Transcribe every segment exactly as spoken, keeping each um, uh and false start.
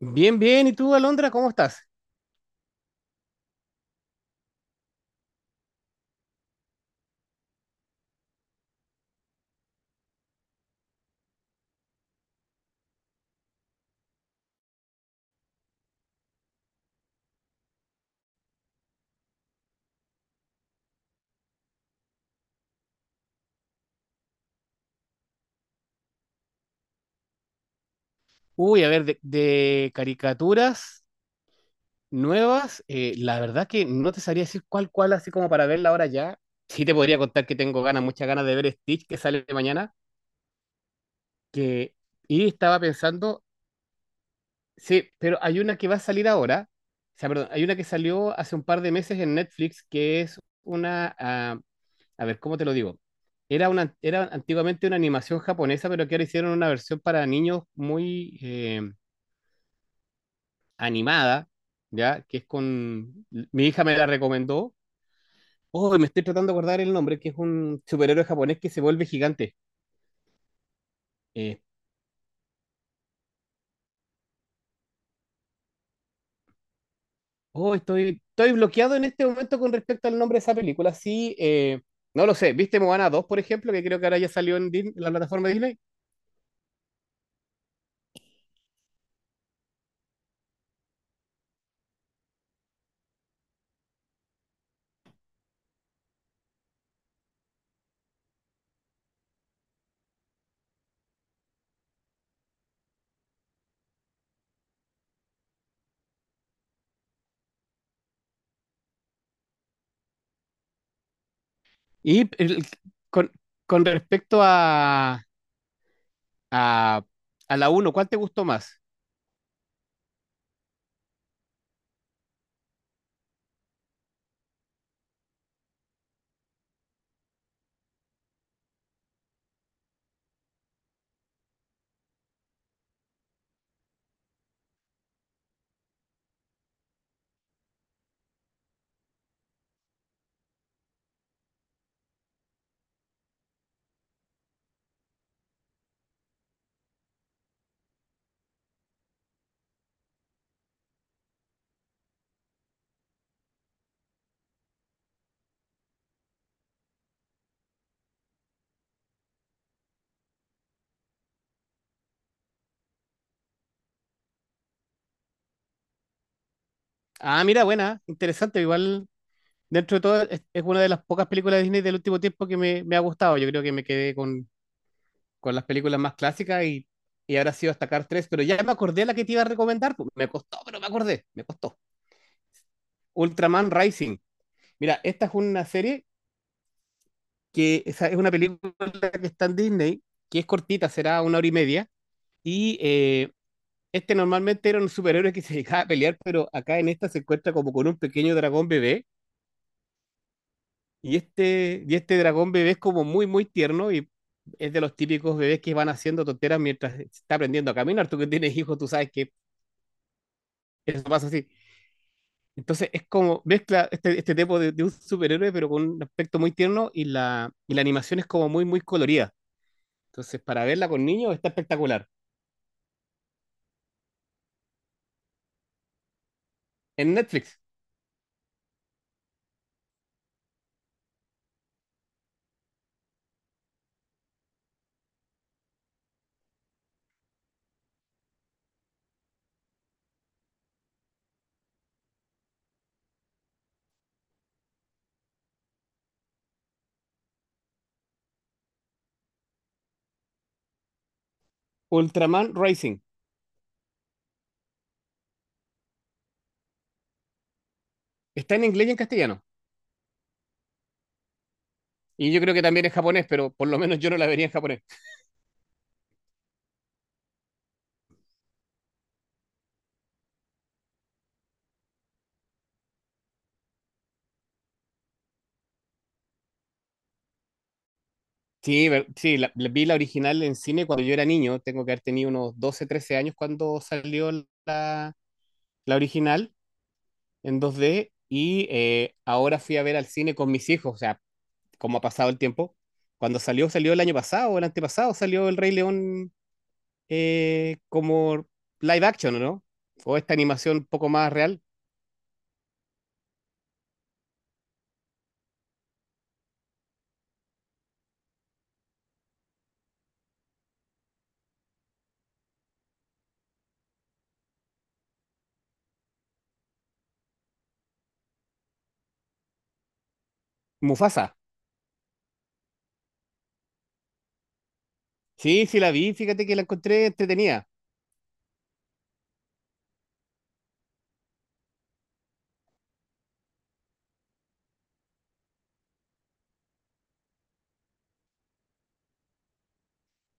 Bien, bien. ¿Y tú, Alondra, cómo estás? Uy, a ver, de, de caricaturas nuevas, eh, la verdad que no te sabría decir cuál, cuál, así como para verla ahora ya. Sí te podría contar que tengo ganas, muchas ganas de ver Stitch que sale mañana, que y estaba pensando, sí, pero hay una que va a salir ahora, o sea, perdón, hay una que salió hace un par de meses en Netflix que es una, ah, a ver, ¿cómo te lo digo? Era una, era antiguamente una animación japonesa, pero que ahora hicieron una versión para niños muy eh, animada, ¿ya? Que es con. Mi hija me la recomendó. Oh, me estoy tratando de acordar el nombre, que es un superhéroe japonés que se vuelve gigante. Eh, oh, estoy, estoy bloqueado en este momento con respecto al nombre de esa película. Sí, eh, no lo sé. ¿Viste Moana dos, por ejemplo? Que creo que ahora ya salió en, Dis- en la plataforma de Disney. Y el- con, con respecto a, a, a la uno, ¿cuál te gustó más? Ah, mira, buena, interesante, igual dentro de todo, es, es una de las pocas películas de Disney del último tiempo que me, me ha gustado. Yo creo que me quedé con, con las películas más clásicas y, y ahora sí hasta Cars tres, pero ya me acordé la que te iba a recomendar. Pues, me costó, pero me acordé, me costó. Ultraman Rising. Mira, esta es una serie que esa es una película que está en Disney, que es cortita, será una hora y media, y eh, este normalmente era un superhéroe que se dedicaba a pelear, pero acá en esta se encuentra como con un pequeño dragón bebé. Y este, y este dragón bebé es como muy, muy tierno y es de los típicos bebés que van haciendo tonteras mientras se está aprendiendo a caminar. Tú que tienes hijos, tú sabes que eso pasa así. Entonces es como mezcla este, este tipo de, de un superhéroe, pero con un aspecto muy tierno y la, y la animación es como muy, muy colorida. Entonces, para verla con niños está espectacular. En Netflix, Ultraman Rising. Está en inglés y en castellano. Y yo creo que también en japonés, pero por lo menos yo no la vería en japonés. Sí, ver- sí, la, la- vi la original en cine cuando yo era niño, tengo que haber tenido unos doce trece años cuando salió la, la original en dos d y eh, ahora fui a ver al cine con mis hijos, o sea, cómo ha pasado el tiempo. Cuando salió, salió el año pasado, el antepasado, salió El Rey León eh, como live action, ¿o no? O esta animación un poco más real. Mufasa. Sí, sí la vi, fíjate que la encontré entretenida.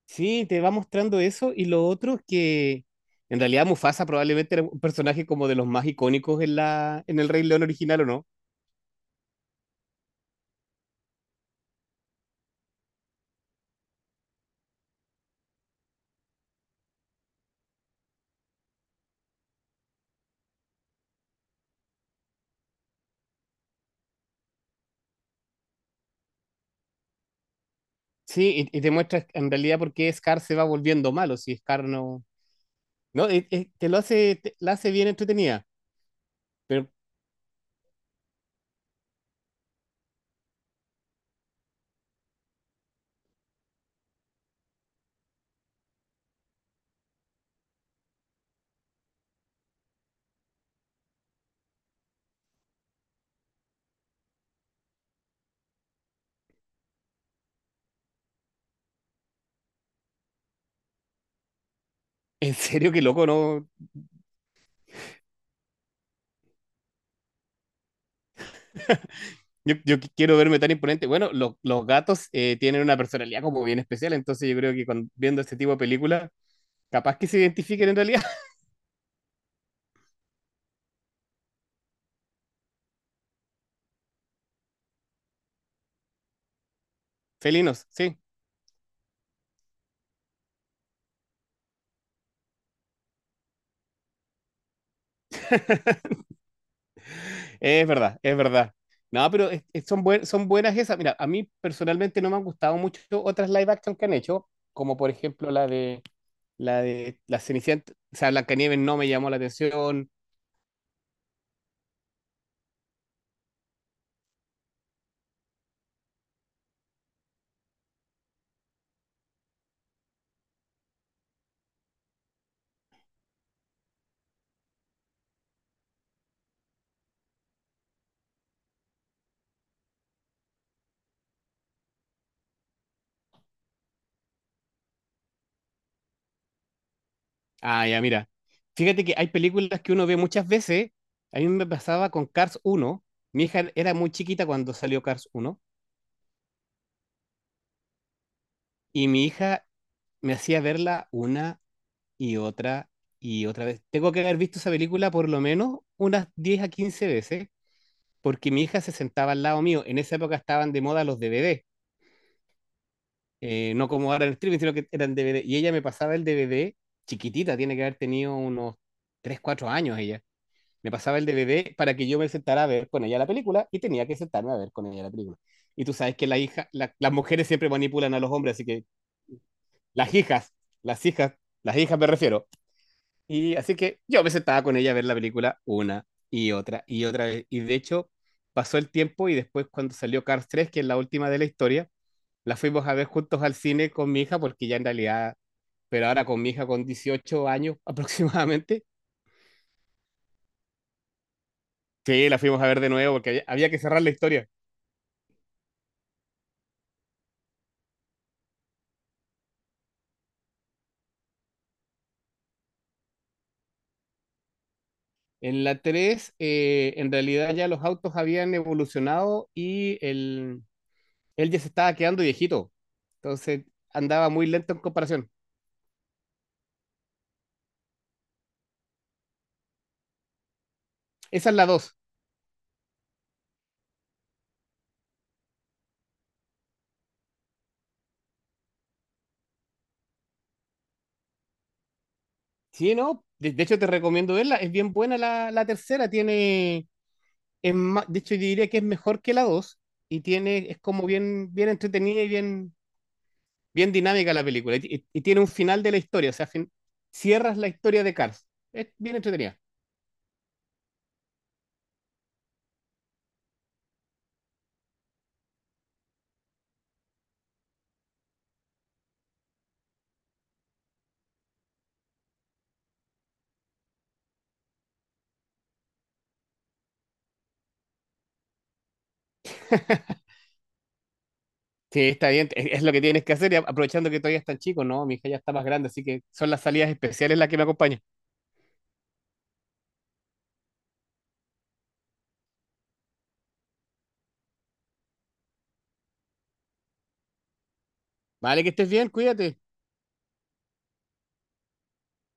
Sí, te va mostrando eso y lo otro es que en realidad Mufasa probablemente era un personaje como de los más icónicos en la en el Rey León original, ¿o no? Sí, y, y te muestra en realidad por qué Scar se va volviendo malo, si Scar no. No, es- es- te lo hace, te- la hace bien entretenida, pero en serio, qué loco, ¿no? Yo, yo qui- quiero verme tan imponente. Bueno, lo- los gatos eh, tienen una personalidad como bien especial, entonces yo creo que con- viendo este tipo de películas, capaz que se identifiquen en realidad. Felinos, sí. Es verdad, es verdad. No, pero es- es- son, buen- son buenas esas. Mira, a mí personalmente no me han gustado mucho otras live action que han hecho, como por ejemplo la de la de la Cenicienta, o sea, Blancanieves no me llamó la atención. Ah, ya, mira. Fíjate que hay películas que uno ve muchas veces. A mí me pasaba con Cars uno. Mi hija era muy chiquita cuando salió Cars uno y mi hija me hacía verla una y otra y otra vez. Tengo que haber visto esa película por lo menos unas diez a quince veces porque mi hija se sentaba al lado mío. En esa época estaban de moda los D V D, eh, no como ahora en el streaming, sino que eran D V D. Y ella me pasaba el D V D, chiquitita, tiene que haber tenido unos tres cuatro años ella. Me pasaba el D V D para que yo me sentara a ver con ella la película y tenía que sentarme a ver con ella la película. Y tú sabes que la hija, la- las mujeres siempre manipulan a los hombres, así que las hijas, las hijas, las hijas me refiero. Y así que yo me sentaba con ella a ver la película una y otra y otra vez. Y de hecho, pasó el tiempo y después cuando salió Cars tres que es la última de la historia, la fuimos a ver juntos al cine con mi hija, porque ya en realidad, pero ahora con mi hija con dieciocho años aproximadamente, sí, la fuimos a ver de nuevo porque había, había que cerrar la historia. En la tres eh, en realidad ya los autos habían evolucionado y el, él ya se estaba quedando viejito. Entonces andaba muy lento en comparación. Esa es la dos. Sí, no, de, de hecho te recomiendo verla, es bien buena la, la tercera, tiene, es ma- de hecho yo diría que es mejor que la dos, y tiene, es como bien, bien entretenida y bien, bien dinámica la película, y, y- y tiene un final de la historia, o sea, fin- cierras la historia de Cars, es bien entretenida. Sí, está bien, es, es lo que tienes que hacer, y a- aprovechando que todavía están chicos, ¿no? Mi hija ya está más grande, así que son las salidas especiales las que me acompañan. Vale, que estés bien, cuídate.